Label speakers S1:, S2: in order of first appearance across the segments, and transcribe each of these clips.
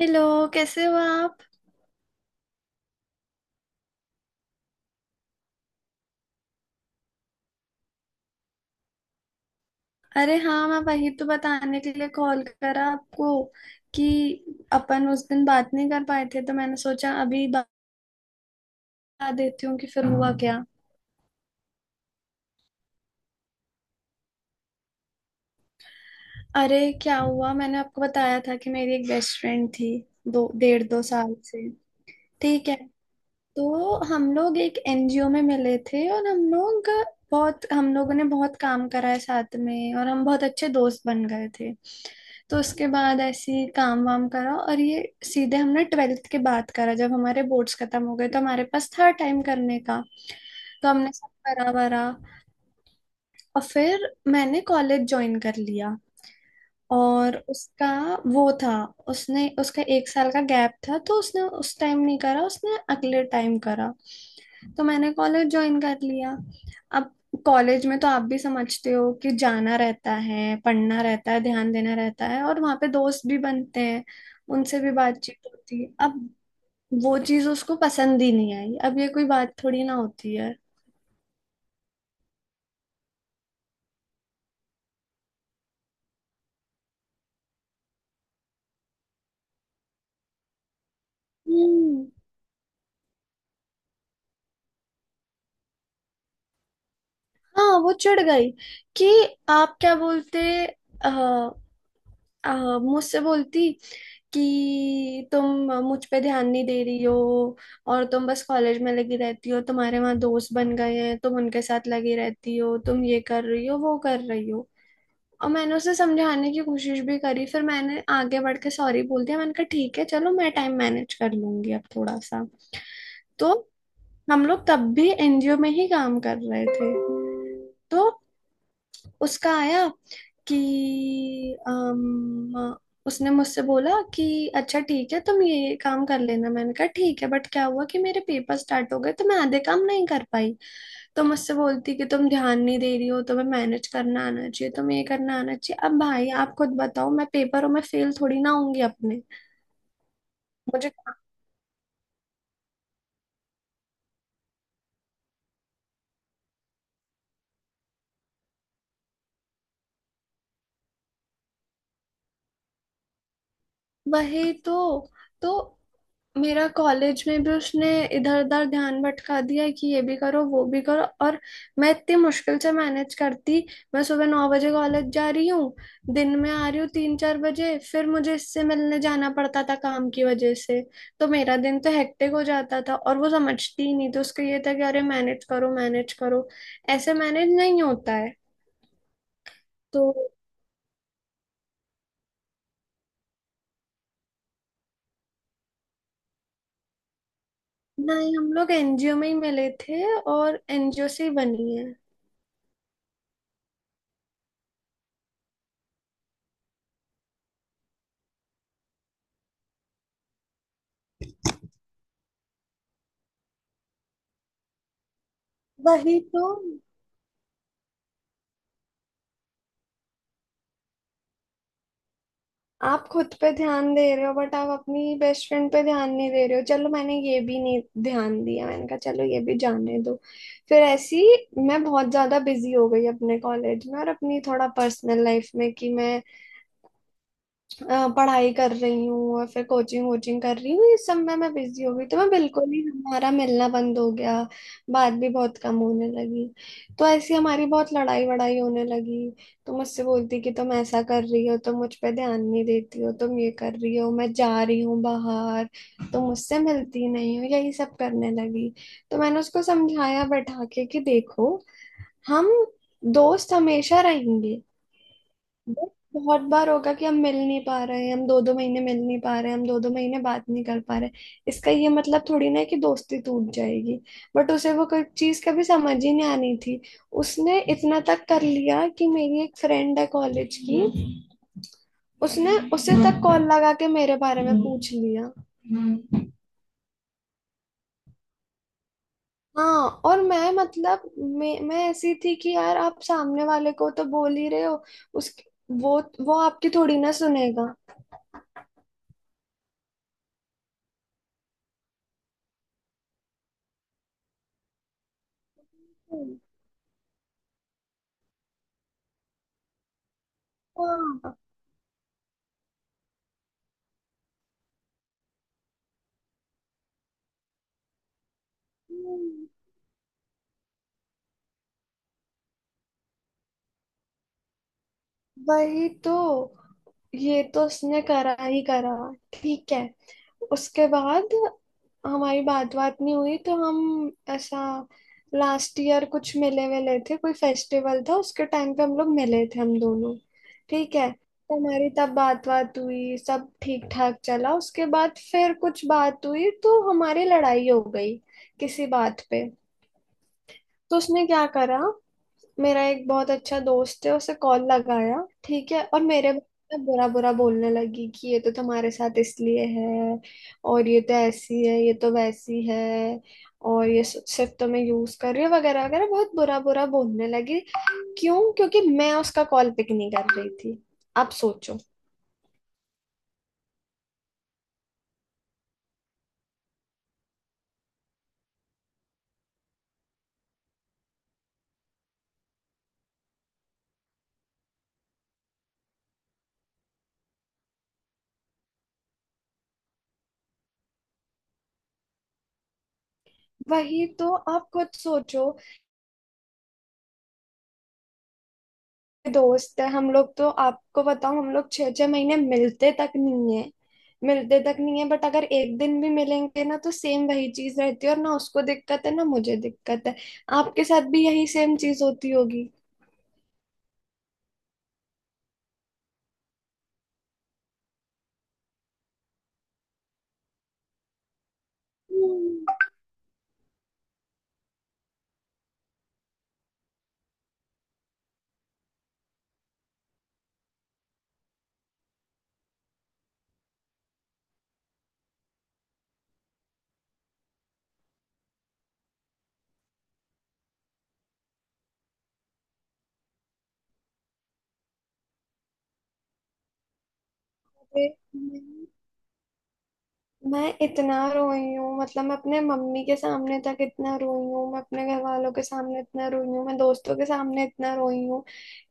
S1: Hello. कैसे हो आप? अरे हाँ, मैं वही तो बताने के लिए कॉल करा आपको कि अपन उस दिन बात नहीं कर पाए थे तो मैंने सोचा अभी बता देती हूँ कि फिर हुआ क्या। अरे क्या हुआ, मैंने आपको बताया था कि मेरी एक बेस्ट फ्रेंड थी दो डेढ़ दो साल से। ठीक है। तो हम लोग एक एनजीओ में मिले थे और हम लोगों ने बहुत काम करा है साथ में और हम बहुत अच्छे दोस्त बन गए थे। तो उसके बाद ऐसे ही काम वाम करा और ये सीधे हमने ट्वेल्थ के बाद करा जब हमारे बोर्ड्स खत्म हो गए तो हमारे पास था टाइम करने का। तो हमने सब करा वरा और फिर मैंने कॉलेज ज्वाइन कर लिया। और उसका वो था, उसने उसका 1 साल का गैप था तो उसने उस टाइम नहीं करा, उसने अगले टाइम करा। तो मैंने कॉलेज ज्वाइन कर लिया। अब कॉलेज में तो आप भी समझते हो कि जाना रहता है, पढ़ना रहता है, ध्यान देना रहता है और वहाँ पे दोस्त भी बनते हैं, उनसे भी बातचीत होती है। अब वो चीज़ उसको पसंद ही नहीं आई। अब ये कोई बात थोड़ी ना होती है। हम्म। हाँ वो चिढ़ गई कि आप क्या बोलते आ, आ, मुझसे बोलती कि तुम मुझ पे ध्यान नहीं दे रही हो और तुम बस कॉलेज में लगी रहती हो, तुम्हारे वहाँ दोस्त बन गए हैं, तुम उनके साथ लगी रहती हो, तुम ये कर रही हो वो कर रही हो। और मैंने उसे समझाने की कोशिश भी करी, फिर मैंने आगे बढ़ के सॉरी बोल दिया। मैंने कहा ठीक है चलो मैं टाइम मैनेज कर लूंगी अब थोड़ा सा। तो हम लोग तब भी एनजीओ में ही काम कर रहे थे। तो उसका आया कि अम, उसने मुझसे बोला कि अच्छा ठीक है तुम ये काम कर लेना। मैंने कहा ठीक है, बट क्या हुआ कि मेरे पेपर स्टार्ट हो गए तो मैं आधे काम नहीं कर पाई। तो मुझसे बोलती कि तुम ध्यान नहीं दे रही हो, तुम्हें मैनेज करना आना चाहिए, तुम्हें ये करना आना चाहिए। अब भाई आप खुद बताओ, मैं पेपरों में फेल थोड़ी ना होंगी अपने। मुझे वही तो। तो मेरा कॉलेज में भी उसने इधर उधर ध्यान भटका दिया कि ये भी करो वो भी करो। और मैं इतनी मुश्किल से मैनेज करती। मैं सुबह 9 बजे कॉलेज जा रही हूँ, दिन में आ रही हूँ 3-4 बजे, फिर मुझे इससे मिलने जाना पड़ता था काम की वजह से। तो मेरा दिन तो हेक्टिक हो जाता था और वो समझती ही नहीं। तो उसका ये था कि अरे मैनेज करो मैनेज करो। ऐसे मैनेज नहीं होता है। तो नहीं, हम लोग एनजीओ में ही मिले थे और एनजीओ से ही बनी है। वही तो। आप खुद पे ध्यान दे रहे हो बट आप अपनी बेस्ट फ्रेंड पे ध्यान नहीं दे रहे हो। चलो मैंने ये भी नहीं ध्यान दिया, मैंने कहा चलो ये भी जाने दो। फिर ऐसी मैं बहुत ज्यादा बिजी हो गई अपने कॉलेज में और अपनी थोड़ा पर्सनल लाइफ में कि मैं पढ़ाई कर रही हूँ और फिर कोचिंग वोचिंग कर रही हूँ। इस सब में मैं बिजी हो गई तो मैं बिल्कुल ही, हमारा मिलना बंद हो गया। बात भी बहुत कम होने लगी। तो ऐसी हमारी बहुत लड़ाई वड़ाई होने लगी। तो मुझसे बोलती कि तुम ऐसा कर रही हो, तुम मुझ पे ध्यान नहीं देती हो, तुम ये कर रही हो, मैं जा रही हूँ बाहर, तुम मुझसे मिलती नहीं हो, यही सब करने लगी। तो मैंने उसको समझाया बैठा के कि देखो हम दोस्त हमेशा रहेंगे। बहुत बार होगा कि हम मिल नहीं पा रहे हैं, हम दो दो महीने मिल नहीं पा रहे हैं, हम दो दो महीने बात नहीं कर पा रहे हैं। इसका ये मतलब थोड़ी ना है कि दोस्ती टूट जाएगी। बट उसे वो कोई चीज कभी समझ ही नहीं आनी थी। उसने इतना तक कर लिया कि मेरी एक फ्रेंड है कॉलेज की, उसने उसे तक कॉल लगा के मेरे बारे में पूछ लिया। हाँ। और मैं, मतलब मैं ऐसी थी कि यार आप सामने वाले को तो बोल ही रहे हो उस वो वो आपकी थोड़ी ना सुनेगा। हाँ। हम्म, वही तो। ये तो उसने करा ही करा। ठीक है, उसके बाद हमारी बात बात नहीं हुई तो हम ऐसा, लास्ट ईयर कुछ मिले विले थे, कोई फेस्टिवल था उसके टाइम पे हम लोग मिले थे हम दोनों। ठीक है, तो हमारी तब बात बात हुई, सब ठीक ठाक चला। उसके बाद फिर कुछ बात हुई तो हमारी लड़ाई हो गई किसी बात पे। तो उसने क्या करा, मेरा एक बहुत अच्छा दोस्त है उसे कॉल लगाया। ठीक है। और मेरे बारे में बुरा बुरा बोलने लगी कि ये तो तुम्हारे साथ इसलिए है और ये तो ऐसी है, ये तो वैसी है और ये सिर्फ तुम्हें यूज कर रही है वगैरह वगैरह, बहुत बुरा बुरा बोलने लगी। क्यों? क्योंकि मैं उसका कॉल पिक नहीं कर रही थी। आप सोचो। वही तो, आप खुद सोचो। दोस्त है हम लोग, तो आपको बताऊं हम लोग छह छह महीने मिलते तक नहीं है, मिलते तक नहीं है। बट अगर एक दिन भी मिलेंगे ना तो सेम वही चीज रहती है और ना उसको दिक्कत है ना मुझे दिक्कत है। आपके साथ भी यही सेम चीज होती होगी। हम्म। अरे, मैं इतना रोई हूँ, मतलब मैं अपने मम्मी के सामने तक इतना रोई हूँ, मैं अपने घर वालों के सामने इतना रोई हूँ, मैं दोस्तों के सामने इतना रोई हूँ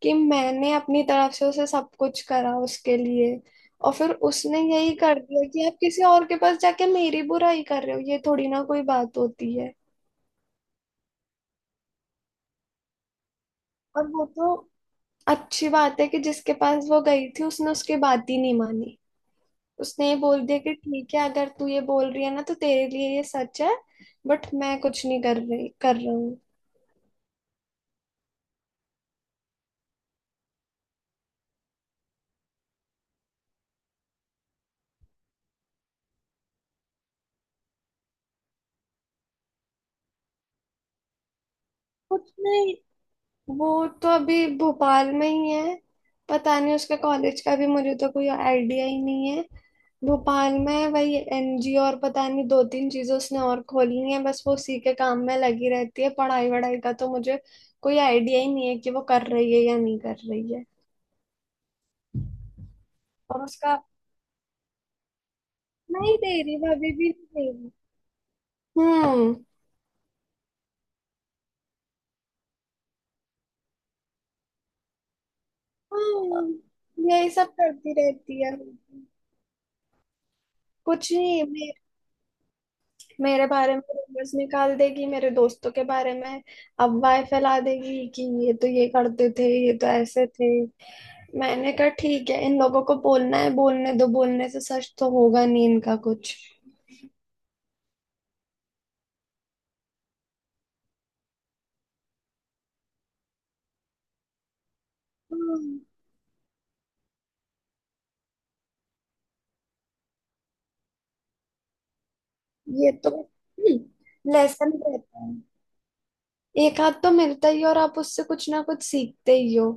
S1: कि मैंने अपनी तरफ से उसे सब कुछ करा उसके लिए। और फिर उसने यही कर दिया कि आप किसी और के पास जाके मेरी बुराई कर रहे हो। ये थोड़ी ना कोई बात होती है। और वो तो अच्छी बात है कि जिसके पास वो गई थी उसने उसकी बात ही नहीं मानी। उसने ये बोल दिया कि ठीक है अगर तू ये बोल रही है ना तो तेरे लिए ये सच है, बट मैं कुछ नहीं कर रही, कर रहा हूँ। कुछ नहीं। वो तो अभी भोपाल में ही है। पता नहीं, उसका कॉलेज का भी मुझे तो कोई आइडिया ही नहीं है। भोपाल में है, वही एनजीओ और पता नहीं दो तीन चीजें उसने और खोली हैं, बस वो उसी के काम में लगी रहती है। पढ़ाई वढ़ाई का तो मुझे कोई आइडिया ही नहीं है कि वो कर रही है या नहीं कर रही है। और उसका, नहीं दे रही, भाभी भी नहीं दे रही। हम्म। हम्म, यही सब करती रहती है। कुछ नहीं मेरे बारे में रूमर्स निकाल देगी, मेरे दोस्तों के बारे में अफवाह फैला देगी कि ये तो ये करते थे, ये तो ऐसे थे। मैंने कहा ठीक है, इन लोगों को बोलना है बोलने दो, बोलने से सच तो होगा नहीं इनका कुछ। हम्म, ये तो लेसन रहता है। एक हाथ तो मिलता ही है और आप उससे कुछ ना कुछ सीखते ही हो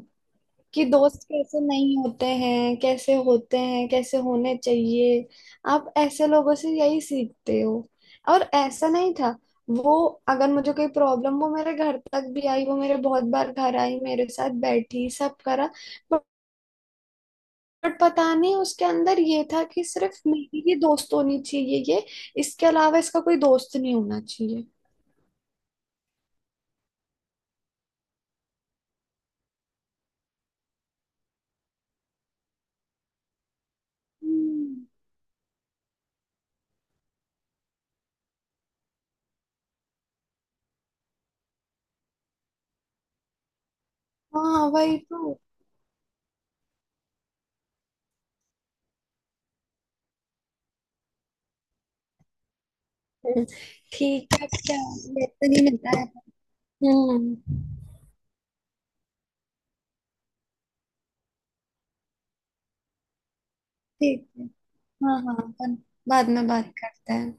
S1: कि दोस्त कैसे नहीं होते हैं, कैसे होते हैं, कैसे होने चाहिए। आप ऐसे लोगों से यही सीखते हो। और ऐसा नहीं था वो, अगर मुझे कोई प्रॉब्लम, वो मेरे घर तक भी आई, वो मेरे बहुत बार घर आई, मेरे साथ बैठी सब करा। बट बट पता नहीं उसके अंदर ये था कि सिर्फ मेरी ही दोस्त होनी चाहिए ये, इसके अलावा इसका कोई दोस्त नहीं होना चाहिए। हम्म। हाँ वही तो। ठीक है क्या? ये तो नहीं मिलता है। हम्म। ठीक है। हाँ हाँ, अपन बाद में बात करते हैं।